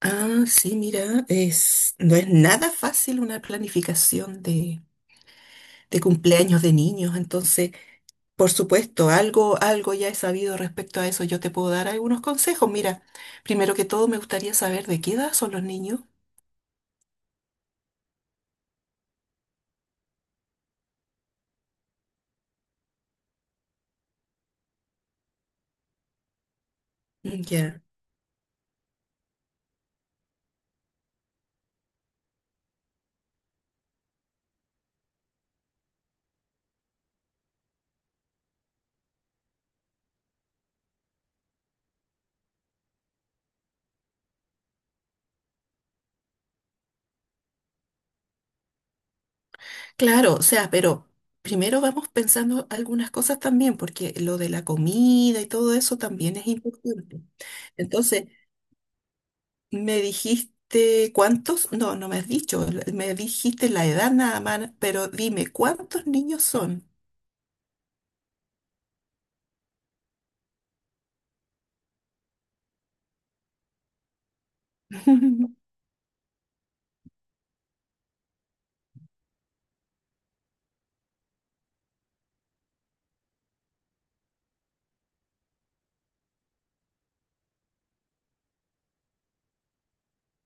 Ah, sí, mira, no es nada fácil una planificación de cumpleaños de niños, entonces, por supuesto, algo ya he sabido respecto a eso, yo te puedo dar algunos consejos. Mira, primero que todo me gustaría saber de qué edad son los niños. Mm, ya. Claro, o sea, pero primero vamos pensando algunas cosas también, porque lo de la comida y todo eso también es importante. Entonces, me dijiste cuántos, no, no me has dicho, me dijiste la edad nada más, pero dime, ¿cuántos niños son?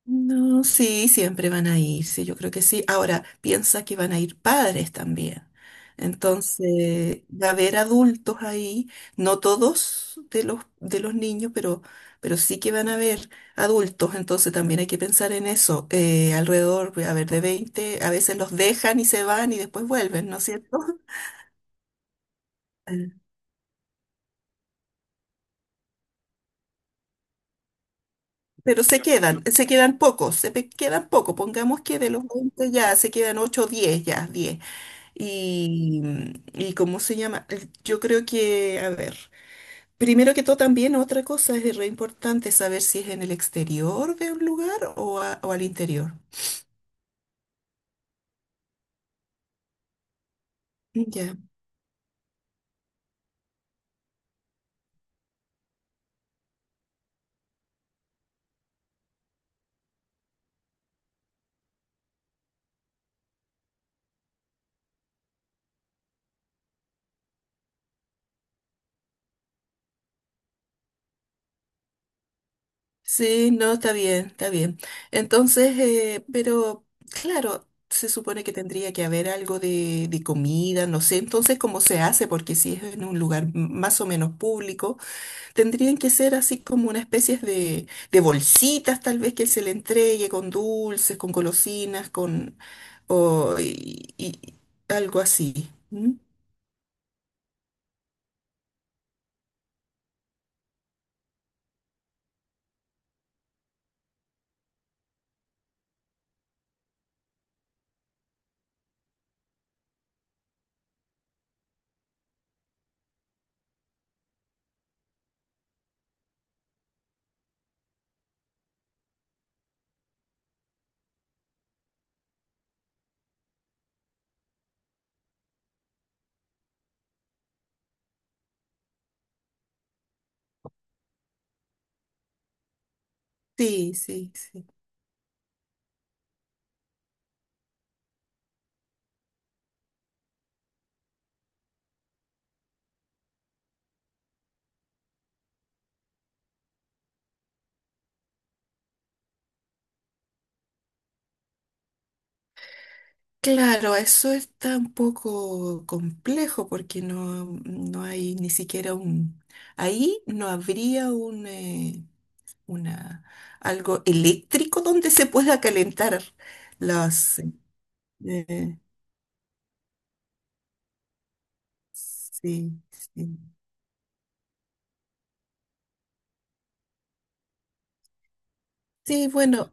No, sí, siempre van a ir, sí, yo creo que sí. Ahora, piensa que van a ir padres también. Entonces, va a haber adultos ahí, no todos de los niños, pero sí que van a haber adultos, entonces también hay que pensar en eso. Alrededor, a ver, de 20 a veces los dejan y se van y después vuelven, ¿no es cierto? Pero se quedan pocos, quedan pocos. Pongamos que de los 20 ya se quedan 8 o 10, ya diez. Y, y ¿cómo se llama? Yo creo que, a ver, primero que todo también otra cosa es re importante saber si es en el exterior de un lugar o al interior. Ya. Sí, no, está bien, está bien. Entonces, pero claro, se supone que tendría que haber algo de comida, no sé, entonces cómo se hace, porque si es en un lugar más o menos público, tendrían que ser así como una especie de bolsitas tal vez que se le entregue con dulces, con golosinas, con o, y, y- algo así. ¿Mm? Sí, sí, sí. Claro, eso está un poco complejo porque no, no hay ni siquiera un... Ahí no habría un, una, algo eléctrico donde se pueda calentar las... eh, sí, sí. Sí, bueno.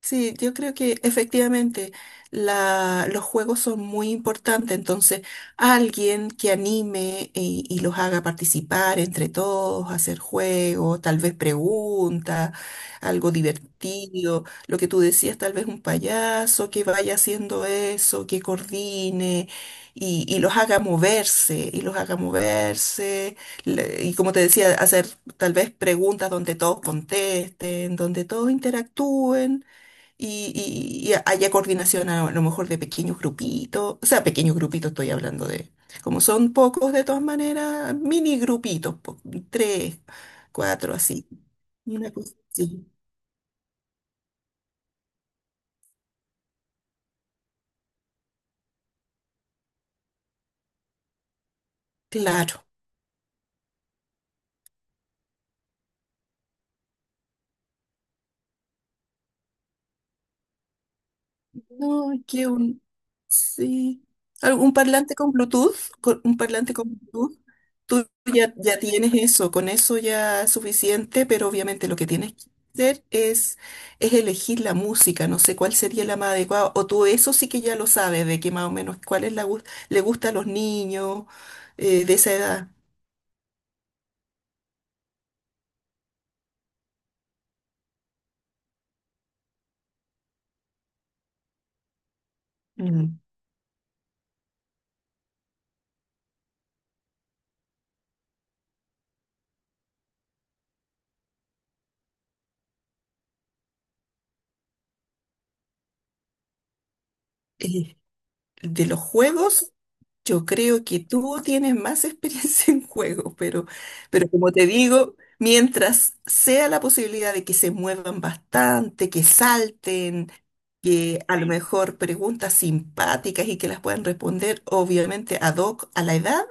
Sí, yo creo que efectivamente los juegos son muy importantes, entonces alguien que anime y los haga participar entre todos, hacer juegos, tal vez preguntas, algo divertido, lo que tú decías, tal vez un payaso que vaya haciendo eso, que coordine y los haga moverse, y como te decía, hacer tal vez preguntas donde todos contesten, donde todos interactúen y haya coordinación a, lo mejor de pequeños grupitos, o sea, pequeños grupitos estoy hablando de, como son pocos de todas maneras, mini grupitos, po, tres, cuatro, así, una cosa así. Claro. No, es que un, sí, un parlante con Bluetooth, un parlante con Bluetooth, tú ya tienes eso, con eso ya es suficiente, pero obviamente lo que tienes que hacer es elegir la música, no sé cuál sería la más adecuada, o tú eso sí que ya lo sabes, de que más o menos cuál es le gusta a los niños de esa edad. Mm. De los juegos, yo creo que tú tienes más experiencia en juegos, pero como te digo, mientras sea la posibilidad de que se muevan bastante, que salten, que a lo mejor preguntas simpáticas y que las puedan responder, obviamente, ad hoc a la edad,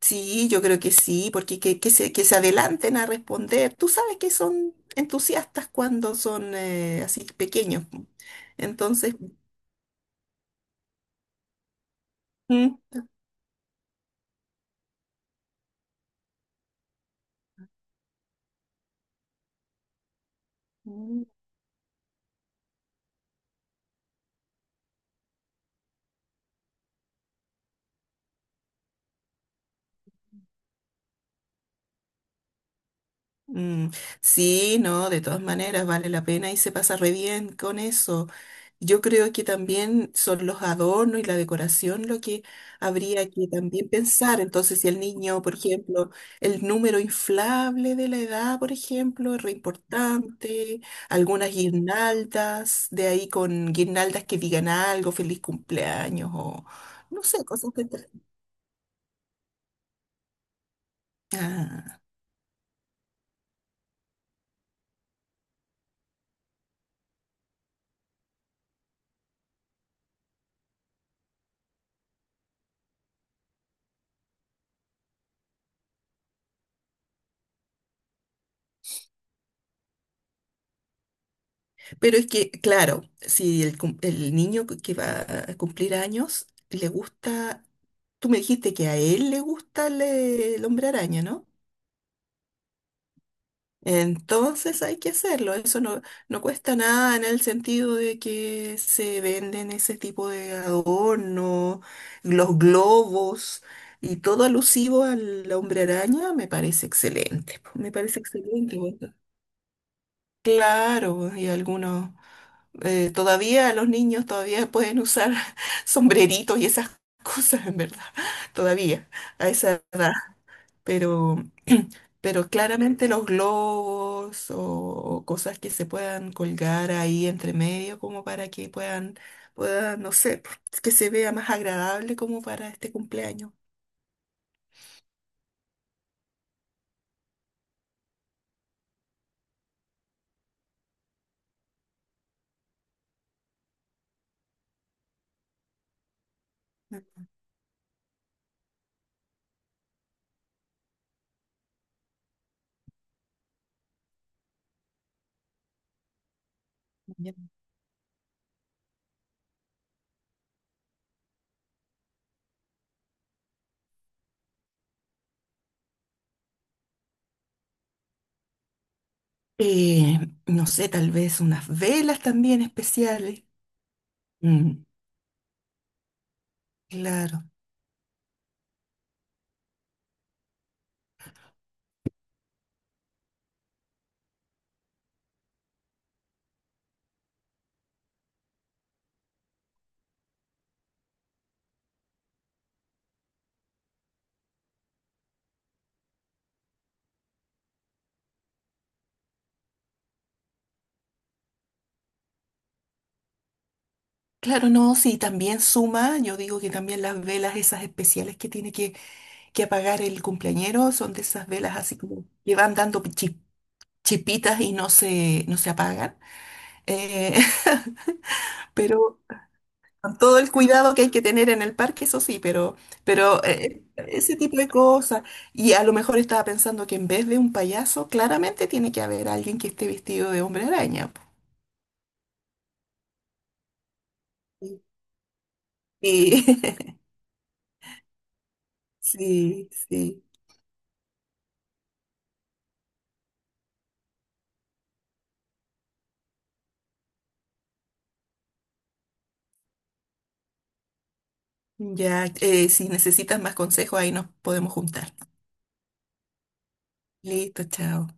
sí, yo creo que sí, porque que se adelanten a responder. Tú sabes que son entusiastas cuando son así pequeños. ¿No? Entonces, mm, mm, sí, no, de todas maneras vale la pena y se pasa re bien con eso. Yo creo que también son los adornos y la decoración lo que habría que también pensar. Entonces, si el niño, por ejemplo, el número inflable de la edad, por ejemplo, es re importante, algunas guirnaldas, de ahí con guirnaldas que digan algo, feliz cumpleaños o no sé, cosas que... Pero es que, claro, si el, cum- el niño que va a cumplir años le gusta, tú me dijiste que a él le gusta el hombre araña, ¿no? Entonces hay que hacerlo, eso no, no cuesta nada en el sentido de que se venden ese tipo de adorno, los globos y todo alusivo al hombre araña, me parece excelente. Bueno. Claro, y algunos... todavía los niños todavía pueden usar sombreritos y esas cosas, en verdad, todavía, a esa edad. Pero, pero claramente los globos o cosas que se puedan colgar ahí entre medio como para que puedan, no sé, que se vea más agradable como para este cumpleaños. Ya. Eh, no sé, tal vez unas velas también especiales. Mm, claro. Claro, no, sí, también suma, yo digo que también las velas esas especiales que tiene que apagar el cumpleañero son de esas velas así como que van dando chispitas y no se, no se apagan. Eh, pero con todo el cuidado que hay que tener en el parque, eso sí, pero ese tipo de cosas. Y a lo mejor estaba pensando que en vez de un payaso, claramente tiene que haber alguien que esté vestido de hombre araña. Po. Y, sí, sí. Ya, si necesitas más consejos, ahí nos podemos juntar. Listo, chao.